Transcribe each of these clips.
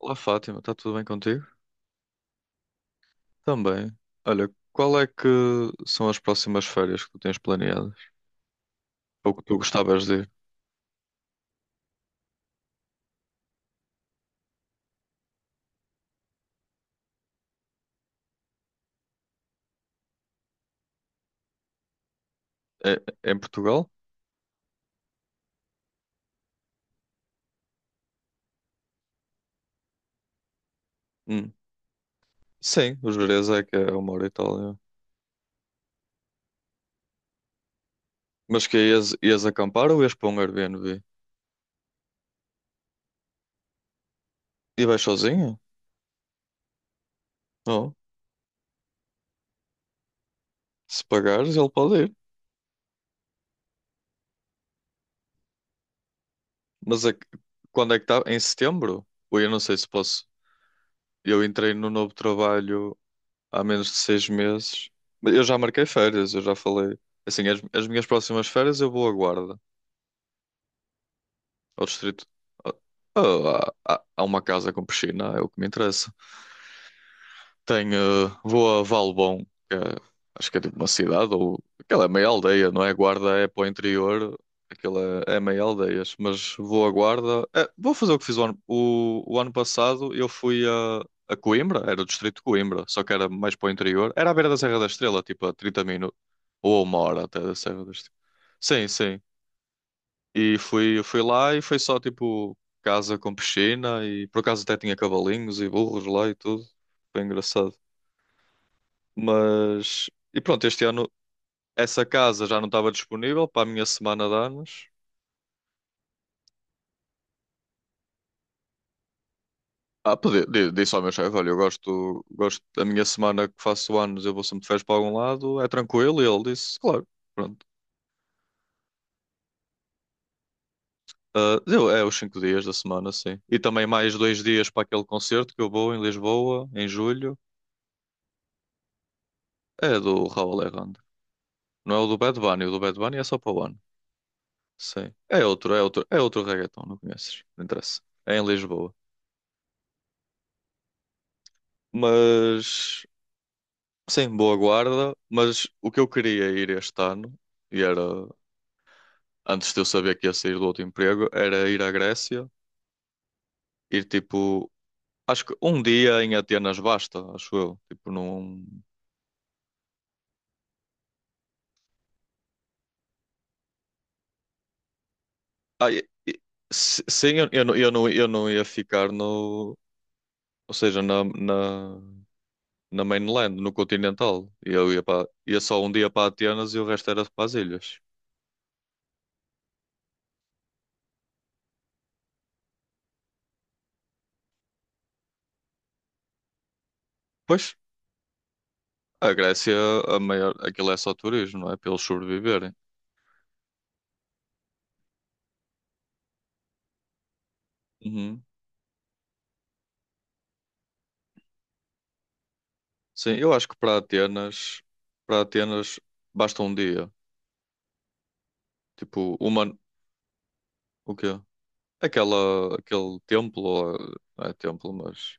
Olá Fátima, está tudo bem contigo? Também. Olha, qual é que são as próximas férias que tu tens planeadas? Ou que tu gostavas de ir? É, é em Portugal? Hum. Sim, os Jerez é que é uma hora e tal. É. Mas que é, ias acampar ou ias para um Airbnb? E vais sozinho? Não. Se pagares, ele pode ir. Mas quando é que está? Em setembro? Ou eu não sei se posso. Eu entrei no novo trabalho há menos de 6 meses. Mas eu já marquei férias, eu já falei. Assim, as minhas próximas férias eu vou à Guarda. Ao distrito. Ah, há uma casa com piscina, é o que me interessa. Tenho, vou a Valbom, que é- acho que é tipo uma cidade, ou aquela é meia aldeia, não é? Guarda é para o interior, aquela é meia aldeias. Mas vou a Guarda, é, vou fazer o que fiz o ano, o ano passado. Eu fui a Coimbra, era o distrito de Coimbra, só que era mais para o interior. Era à beira da Serra da Estrela, tipo a 30 minutos, ou a uma hora até da Serra da Estrela. Sim, sim. Eu fui lá e foi só tipo casa com piscina e por acaso até tinha cavalinhos e burros lá e tudo. Foi engraçado. Mas e pronto, este ano essa casa já não estava disponível para a minha semana de anos. Ah, pedi, disse ao meu chefe, olha, eu gosto da minha semana que faço anos, eu vou sempre de férias para algum lado, é tranquilo, e ele disse, claro, pronto. Ah, é os 5 dias da semana, sim. E também mais 2 dias para aquele concerto que eu vou em Lisboa, em julho. É do Raul Alejandro. Não é o do Bad Bunny, o do Bad Bunny é só para o ano. Sim. É outro reggaeton, não conheces. Não interessa. É em Lisboa. Mas sim, boa guarda. Mas o que eu queria ir este ano, e era antes de eu saber que ia sair do outro emprego, era ir à Grécia, ir tipo, acho que um dia em Atenas basta, acho eu. Tipo, não. Ah, sim, não, eu, não, eu não ia ficar no. Ou seja, na mainland, no continental. E eu ia só um dia para Atenas e o resto era para as ilhas. Pois, a Grécia, a maior, aquilo é só turismo, não é? Para eles sobreviverem. Uhum. Sim, eu acho que para Atenas basta um dia. Tipo, uma, o quê? Aquele templo, ah, não é templo, mas...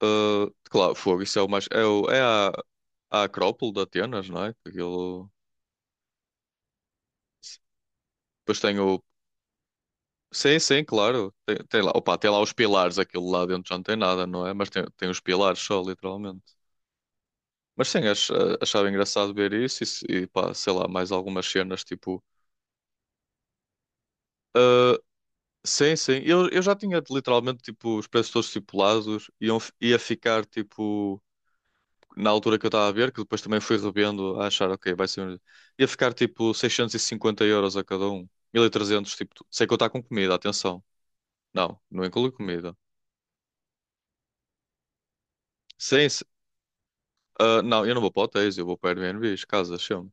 Ah, claro, fogo, isso é o mais... É a Acrópole de Atenas, não é? Aquilo... Depois tem o. Sim, sim, claro. Tem lá, opa, tem lá os pilares, aquilo lá dentro já não tem nada, não é? Mas tem os pilares só, literalmente. Mas sim, achava engraçado ver isso e, e pá, sei lá, mais algumas cenas, tipo. Ah, sim, sim. Eu já tinha literalmente, tipo, os preços todos estipulados, ia ficar, tipo, na altura que eu estava a ver, que depois também fui revendo, a achar, ok, vai ser. Um. Ia ficar, tipo, 650 euros a cada um. 1.300 tipo, sem contar com comida, atenção. Não, não inclui comida. Sim, sim. Ah, não, eu não vou para hotéis, eu vou para Airbnbs, casas, sempre.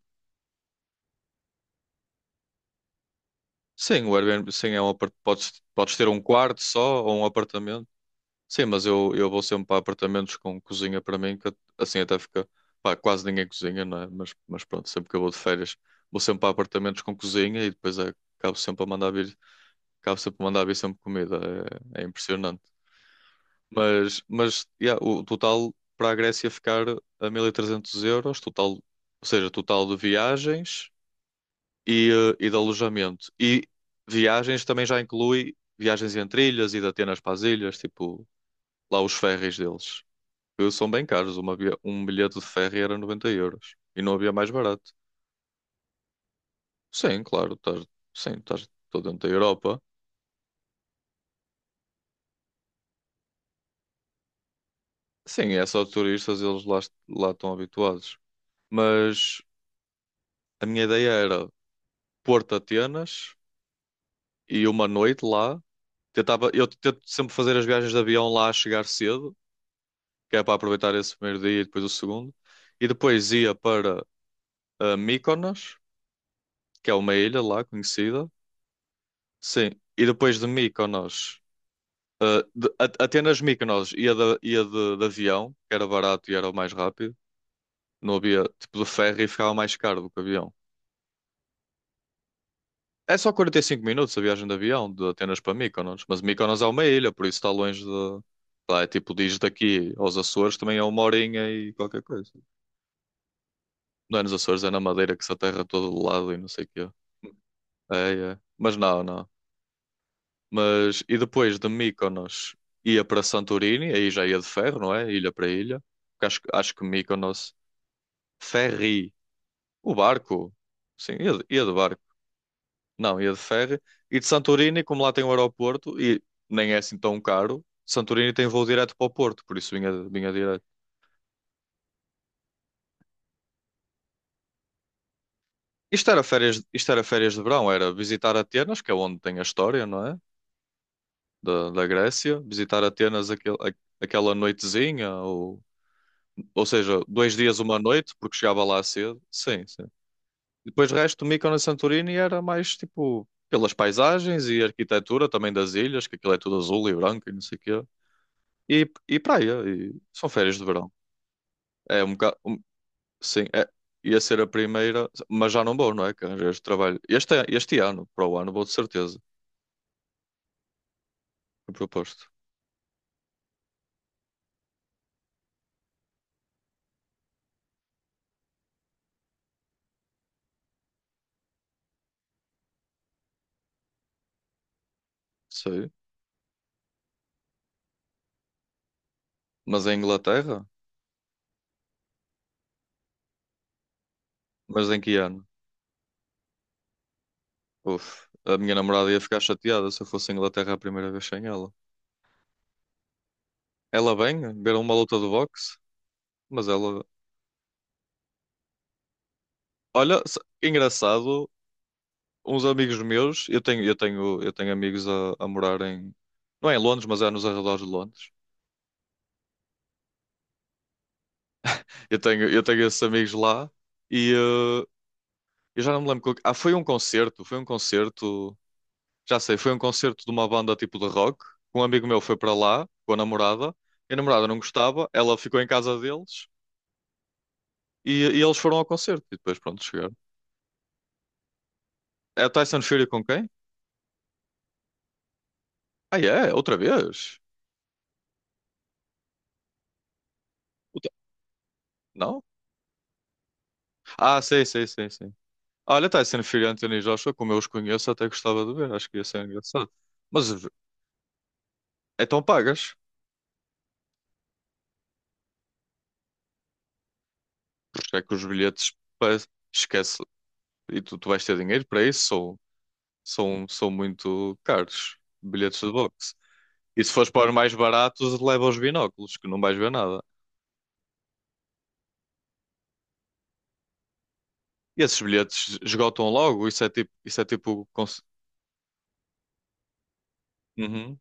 Sim, o Airbnb, sim, podes ter um quarto só ou um apartamento. Sim, mas eu vou sempre para apartamentos com cozinha para mim, que assim até fica. Pá, quase ninguém cozinha, não é? Mas pronto, sempre que eu vou de férias, vou sempre para apartamentos com cozinha e depois é, acabo sempre a mandar vir, acabo sempre a mandar vir sempre comida. É impressionante. Mas yeah, o total para a Grécia ficar a 1.300 euros, total, ou seja, total de viagens. E de alojamento. E viagens também já inclui viagens entre ilhas e de Atenas para as ilhas, tipo lá os ferries deles. São bem caros, um bilhete de ferry era 90 euros e não havia mais barato. Sim, claro, estás, sim, estás todo dentro da Europa. Sim, é só turistas, eles lá, estão habituados. Mas a minha ideia era Porto Atenas e uma noite lá. Eu tento sempre fazer as viagens de avião lá a chegar cedo que é para aproveitar esse primeiro dia e depois o segundo. E depois ia para Mykonos, que é uma ilha lá conhecida. Sim, e depois de Mykonos, Atenas Mykonos ia de avião, que era barato e era o mais rápido. Não havia tipo de ferro e ficava mais caro do que avião. É só 45 minutos a viagem de avião de Atenas para Mykonos, mas Mykonos é uma ilha, por isso está longe de. Lá é tipo, diz daqui aos Açores também é uma horinha e qualquer coisa. Não é nos Açores, é na Madeira que se aterra todo lado e não sei o quê. É, é. Mas não, não. Mas e depois de Mykonos ia para Santorini, aí já ia de ferro, não é? Ilha para ilha. Porque acho que Mykonos, ferry, o barco. Sim, ia de barco. Não, ia de ferry. E de Santorini, como lá tem o aeroporto e nem é assim tão caro, Santorini tem voo direto para o Porto, por isso vinha direto. Isto era férias de verão, era visitar Atenas, que é onde tem a história, não é? Da Grécia, visitar Atenas aquele, aquela noitezinha. Ou seja, 2 dias, uma noite, porque chegava lá cedo. Sim, sim. E depois o resto, Mykonos e Santorini era mais tipo pelas paisagens e arquitetura também das ilhas, que aquilo é tudo azul e branco e não sei o quê. E, e praia, e são férias de verão. É um bocado. Sim, é, ia ser a primeira, mas já não vou, não é? Que arranjei este trabalho. Este ano, para o ano, vou de certeza. Eu proposto. Sei. Mas em Inglaterra? Mas em que ano? Uf, a minha namorada ia ficar chateada se eu fosse à Inglaterra a primeira vez sem ela. Ela vem viram uma luta de boxe, mas ela. Olha, engraçado, uns amigos meus, eu tenho amigos a morar em. Não é em Londres, mas é nos arredores de Londres. Eu tenho esses amigos lá e eu já não me lembro. Ah, foi um concerto, foi um concerto. Já sei, foi um concerto de uma banda tipo de rock. Um amigo meu foi para lá com a namorada. E a namorada não gostava, ela ficou em casa deles e eles foram ao concerto. E depois, pronto, chegaram. É o Tyson Fury com quem? Ah, é? Outra vez? Não? Ah, sei, sei, sei, sim. Olha, Tyson Fury e Anthony Joshua, como eu os conheço, até gostava de ver, acho que ia ser engraçado. Mas então pagas, porque é que os bilhetes pa-. Esquece. E tu vais ter dinheiro para isso, são, são muito caros, bilhetes de boxe. E se fores para os mais baratos, leva os binóculos, que não vais ver nada. E esses bilhetes esgotam logo, isso é tipo. Uhum.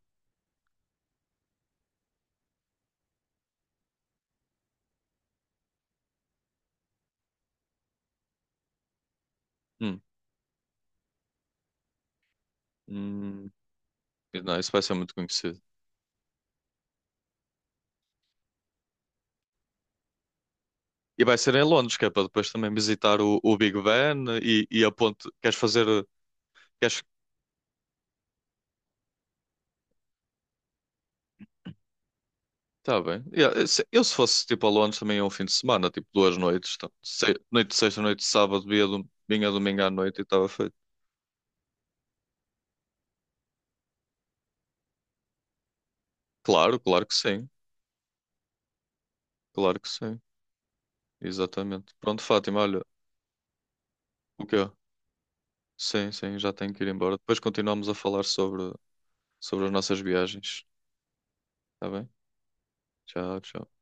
Hum. Hum. Não, isso vai ser muito conhecido. E vai ser em Londres, que é para depois também visitar o Big Ben e a ponte. Queres fazer. Queres. Tá bem. Yeah, eu se fosse tipo a Londres também é um fim de semana, tipo 2 noites. Tá? Noite de sexta, noite de sábado, vinha domingo à noite e estava feito. Claro, claro que sim. Claro que sim. Exatamente. Pronto, Fátima, olha. O quê? Sim, sim, já tenho que ir embora. Depois continuamos a falar sobre as nossas viagens. Tá bem? Tchau, tchau.